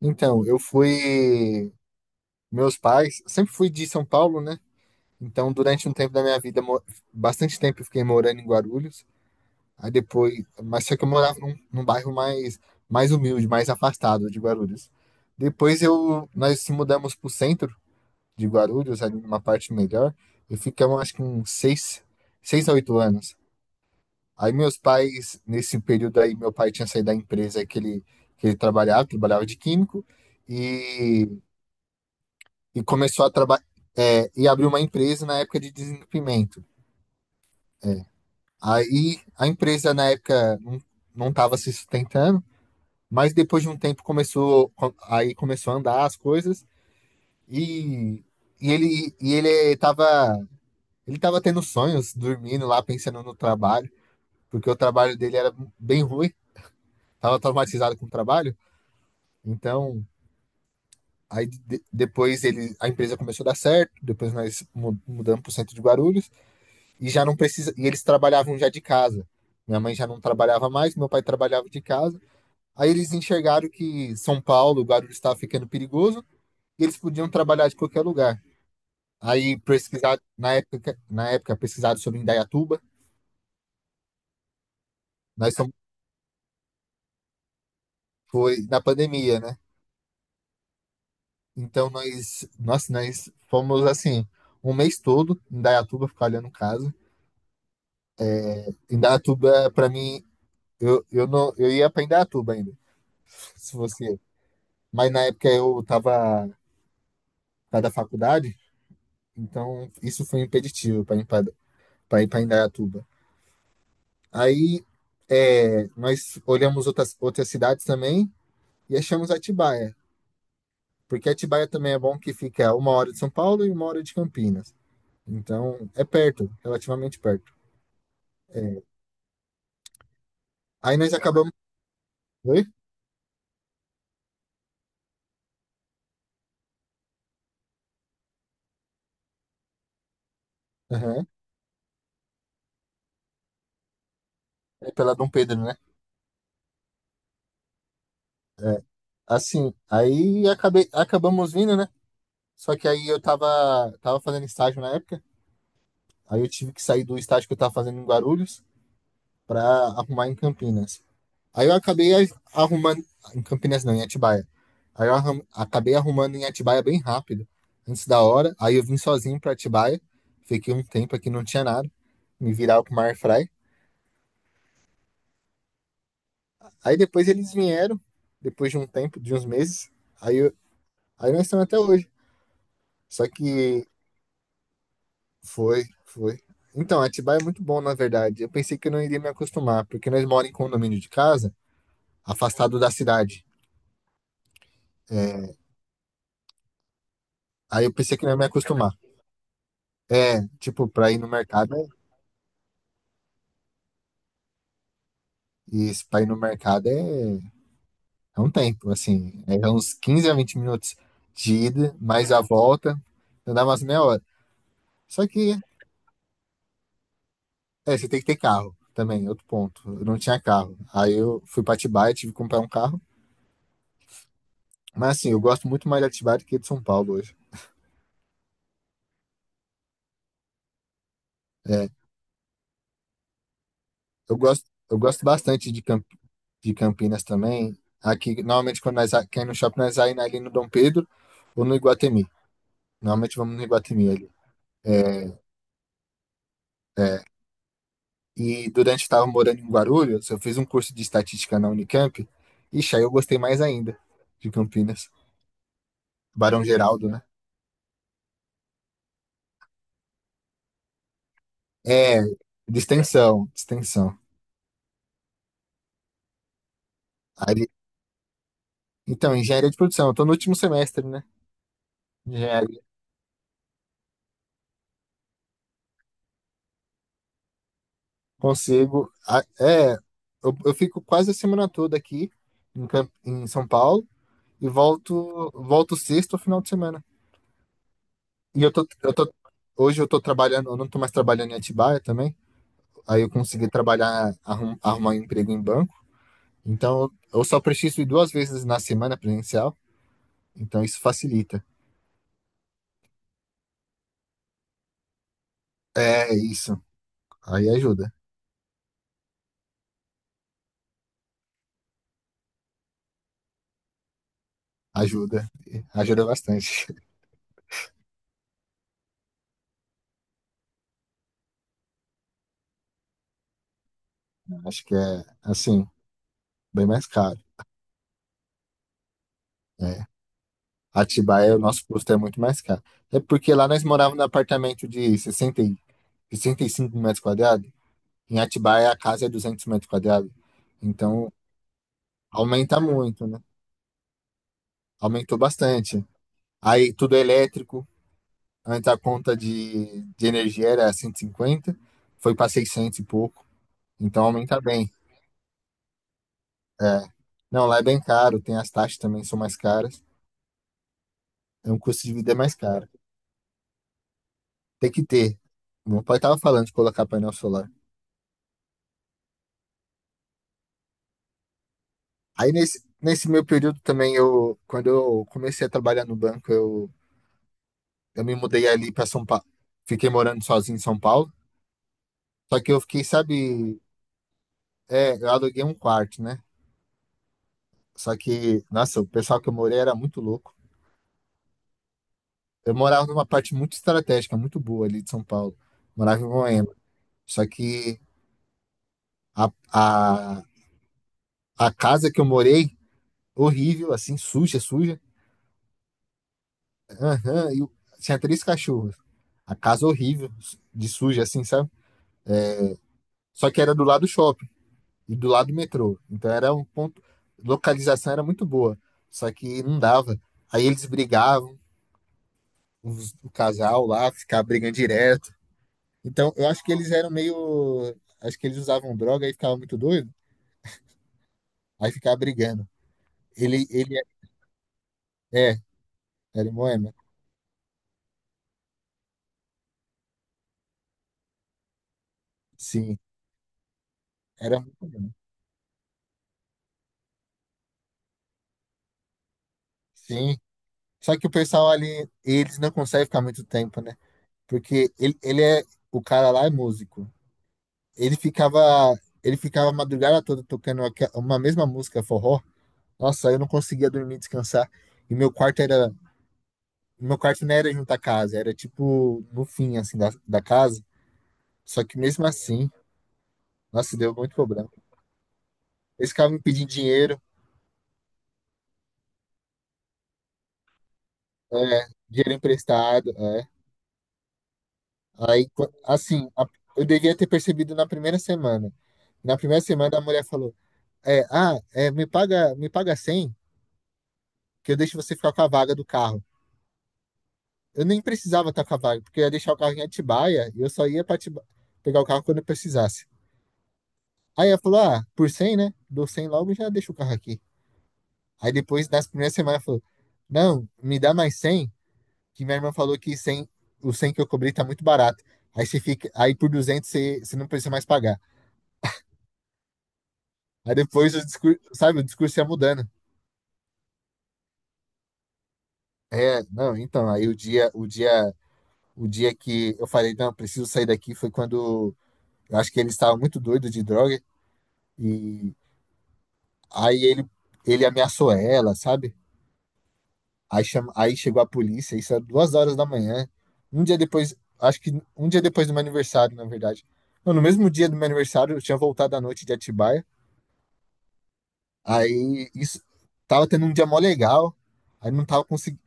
Então, eu fui. Meus pais, sempre fui de São Paulo, né? Então, durante um tempo da minha vida, bastante tempo eu fiquei morando em Guarulhos. Aí depois, mas só que eu morava num bairro mais humilde, mais afastado de Guarulhos. Depois eu, nós se mudamos para o centro de Guarulhos, ali numa parte melhor, e ficamos acho que 6 a 8 anos. Aí meus pais, nesse período aí, meu pai tinha saído da empresa que ele trabalhava de químico, e e começou a trabalhar e abriu uma empresa na época de desentupimento. Aí a empresa na época não estava se sustentando, mas depois de um tempo começou a andar as coisas e, e ele tava tendo sonhos, dormindo lá pensando no trabalho, porque o trabalho dele era bem ruim, tava traumatizado com o trabalho, então. Aí de- depois ele, A empresa começou a dar certo, depois mudamos para o centro de Guarulhos, e já não precisa. E eles trabalhavam já de casa. Minha mãe já não trabalhava mais, meu pai trabalhava de casa. Aí eles enxergaram que São Paulo, o Guarulhos estava ficando perigoso e eles podiam trabalhar de qualquer lugar. Aí na época pesquisado sobre Indaiatuba, nós somos, foi na pandemia, né? Então nós fomos assim, 1 mês todo em Indaiatuba ficar olhando casa. Indaiatuba para mim, eu não, eu ia para Indaiatuba ainda, se fosse, mas na época da faculdade, então isso foi impeditivo para ir para Indaiatuba. Aí é, nós olhamos outras cidades também e achamos Atibaia, porque Atibaia também é bom que fica a 1 hora de São Paulo e 1 hora de Campinas. Então é perto, relativamente perto. Aí nós acabamos. Oi? Uhum. É pela Dom Pedro, né? É. Assim, acabamos vindo, né? Só que tava fazendo estágio na época. Aí eu tive que sair do estágio que eu tava fazendo em Guarulhos para arrumar em Campinas. Aí eu acabei a- arrumando. Em Campinas não, em Atibaia. Acabei arrumando em Atibaia bem rápido, antes da hora. Aí eu vim sozinho para Atibaia. Fiquei um tempo aqui, não tinha nada. Me virava com uma airfry. Aí depois eles vieram, depois de um tempo, de uns meses. Aí, eu- aí nós estamos até hoje. Só que foi, foi. Então, Atibaia é muito bom, na verdade. Eu pensei que eu não iria me acostumar, porque nós moramos em condomínio de casa, afastado da cidade. É, aí eu pensei que não ia me acostumar. É, tipo, pra ir no mercado, é- E esse pra ir no mercado é, é um tempo, assim, é uns 15 a 20 minutos de ida, mais a volta, então dá umas meia hora. Só que, é, você tem que ter carro também, outro ponto. Eu não tinha carro. Aí eu fui pra Atibaia, tive que comprar um carro. Mas assim, eu gosto muito mais de Atibaia do que de São Paulo hoje. É, eu gosto bastante de, de Campinas também. Aqui, normalmente, quer ir no shopping, nós vai ali no Dom Pedro ou no Iguatemi. Normalmente vamos no Iguatemi ali. É, é, E durante que estava morando em Guarulhos, eu fiz um curso de estatística na Unicamp. Ixi, aí eu gostei mais ainda de Campinas. Barão Geraldo, né? É, de extensão, de extensão. Aí, então, engenharia de produção, eu tô no último semestre, né? Engenharia. Consigo. É, eu fico quase a semana toda aqui em, em São Paulo e volto sexta ou final de semana. E hoje eu tô trabalhando, eu não tô mais trabalhando em Atibaia também. Aí eu consegui trabalhar, arrumar um emprego em banco. Então, eu só preciso ir 2 vezes na semana presencial, então isso facilita. É isso. Aí ajuda, ajuda, ajuda bastante. Acho que é, assim, bem mais caro. É. Atibaia, o nosso custo é muito mais caro. É porque lá nós morávamos num apartamento de 65 metros quadrados. Em Atibaia, a casa é 200 metros quadrados. Então, aumenta muito, né? Aumentou bastante. Aí, tudo é elétrico. Antes a conta de, energia era 150, foi para 600 e pouco. Então aumenta bem. É. Não, lá é bem caro, tem as taxas também são mais caras. É um custo de vida mais caro. Tem que ter. Meu pai tava falando de colocar painel solar. Aí nesse meu período também eu, quando eu comecei a trabalhar no banco, eu me mudei ali para São Paulo. Fiquei morando sozinho em São Paulo. Só que eu fiquei, sabe, é, eu aluguei um quarto, né? Só que, nossa, o pessoal que eu morei era muito louco. Eu morava numa parte muito estratégica, muito boa ali de São Paulo. Morava em Moema. Só que a, a, a casa que eu morei, horrível, assim, suja, suja. Aham, tinha três cachorros. A casa horrível, de suja, assim, sabe? Só que era do lado do shopping e do lado do metrô. Então era um ponto. Localização era muito boa. Só que não dava. Aí eles brigavam, o casal lá, ficava brigando direto. Então eu acho que eles eram meio. Acho que eles usavam droga e ficavam muito doidos. Aí ficava brigando. Ele, ele é, é, era em Moema. Sim, era muito bom. Sim. Só que o pessoal ali, eles não conseguem ficar muito tempo, né? Porque o cara lá é músico. Ele ficava, ele ficava a madrugada toda tocando uma mesma música, forró. Nossa, eu não conseguia dormir, descansar. E meu quarto não era junto à casa, era tipo no fim, assim, da casa. Só que mesmo assim, nossa, deu muito problema. Eles ficavam me pedindo dinheiro, é, dinheiro emprestado. É. Aí, qu- assim, a- eu devia ter percebido na primeira semana. Na primeira semana a mulher falou: me me paga 100 que eu deixo você ficar com a vaga do carro. Eu nem precisava estar com a vaga, porque eu ia deixar o carro em Atibaia e eu só ia para pegar o carro quando eu precisasse. Aí ela falou: ah, por 100 né? Dou 100 logo e já deixo o carro aqui. Aí depois, nas primeiras semanas, ela falou: não, me dá mais 100 que minha irmã falou que 100, o 100 que eu cobri tá muito barato. Aí você fica, aí por 200 você, você não precisa mais pagar. Aí depois o discurso, sabe, o discurso ia mudando. É, não, então, aí o dia, o dia, o dia que eu falei, não, preciso sair daqui foi quando eu acho que ele estava muito doido de droga e aí ele ameaçou ela, sabe? Aí chegou a polícia, isso era 2 horas da manhã. Um dia depois, acho que um dia depois do meu aniversário, na verdade. Não, no mesmo dia do meu aniversário, eu tinha voltado à noite de Atibaia. Aí isso tava tendo um dia mó legal, aí não tava conseguindo.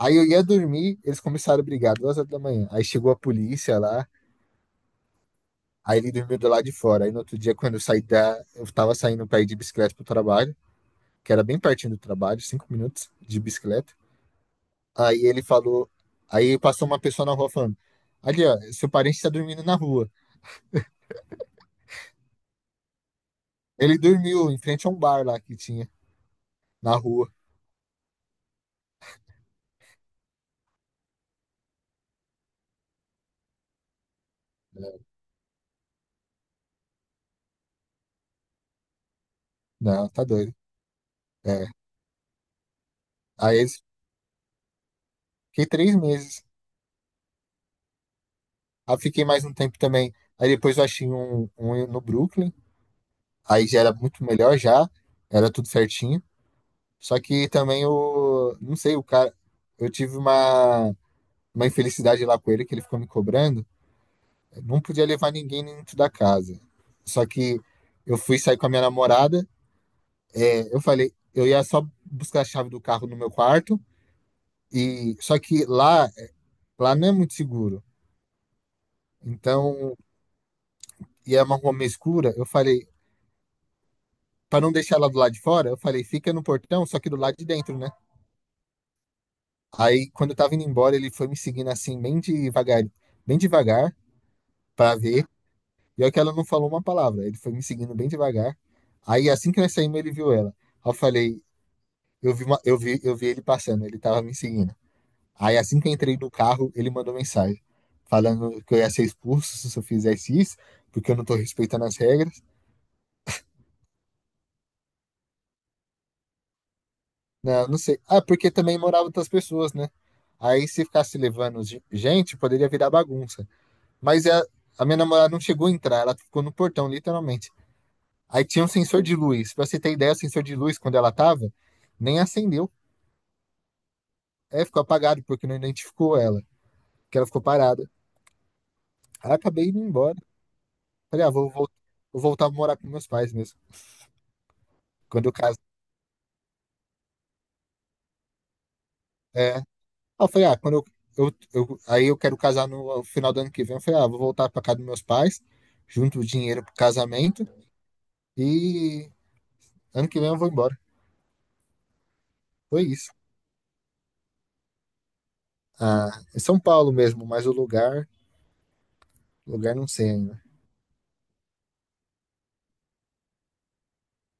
Aí eu ia dormir, eles começaram a brigar, 2 horas da manhã. Aí chegou a polícia lá, aí ele dormiu do lado de fora. Aí no outro dia, quando eu saí da. Eu tava saindo pra ir de bicicleta pro trabalho, que era bem pertinho do trabalho, 5 minutos de bicicleta. Aí ele falou. Aí passou uma pessoa na rua falando: ali, ó, seu parente tá dormindo na rua. Ele dormiu em frente a um bar lá que tinha, na rua. Não, tá doido. É. Aí eles- fiquei 3 meses. Aí fiquei mais um tempo também. Aí depois eu achei um no Brooklyn. Aí já era muito melhor já, era tudo certinho. Só que também o, não sei, o cara, eu tive uma, uma infelicidade lá com ele que ele ficou me cobrando. Eu não podia levar ninguém dentro da casa. Só que eu fui sair com a minha namorada, é, eu falei, eu ia só buscar a chave do carro no meu quarto e só que lá não é muito seguro. Então, e é uma rua meio escura, eu falei, para não deixar ela do lado de fora, eu falei, fica no portão, só que do lado de dentro, né? Aí, quando eu tava indo embora, ele foi me seguindo assim, bem devagar, pra ver. E olha que ela não falou uma palavra, ele foi me seguindo bem devagar. Aí, assim que nós saímos, ele viu ela. Aí eu falei, eu vi, uma- eu vi ele passando, ele tava me seguindo. Aí, assim que eu entrei no carro, ele mandou mensagem, falando que eu ia ser expulso se eu fizesse isso, porque eu não tô respeitando as regras. Não, não sei. Ah, porque também moravam outras pessoas, né? Aí, se ficasse levando gente, poderia virar bagunça. Mas a minha namorada não chegou a entrar, ela ficou no portão, literalmente. Aí tinha um sensor de luz. Pra você ter ideia, o sensor de luz, quando ela tava, nem acendeu. É, ficou apagado, porque não identificou ela, que ela ficou parada. Aí eu acabei indo embora. Falei, ah, vou voltar a morar com meus pais mesmo, quando eu caso. É. Aí eu falei, ah, quando eu, eu- Aí eu quero casar no final do ano que vem. Eu falei, ah, vou voltar pra casa dos meus pais, junto o dinheiro pro casamento, e ano que vem eu vou embora. Foi isso. Ah, em São Paulo mesmo, mas o lugar. Lugar não sei ainda.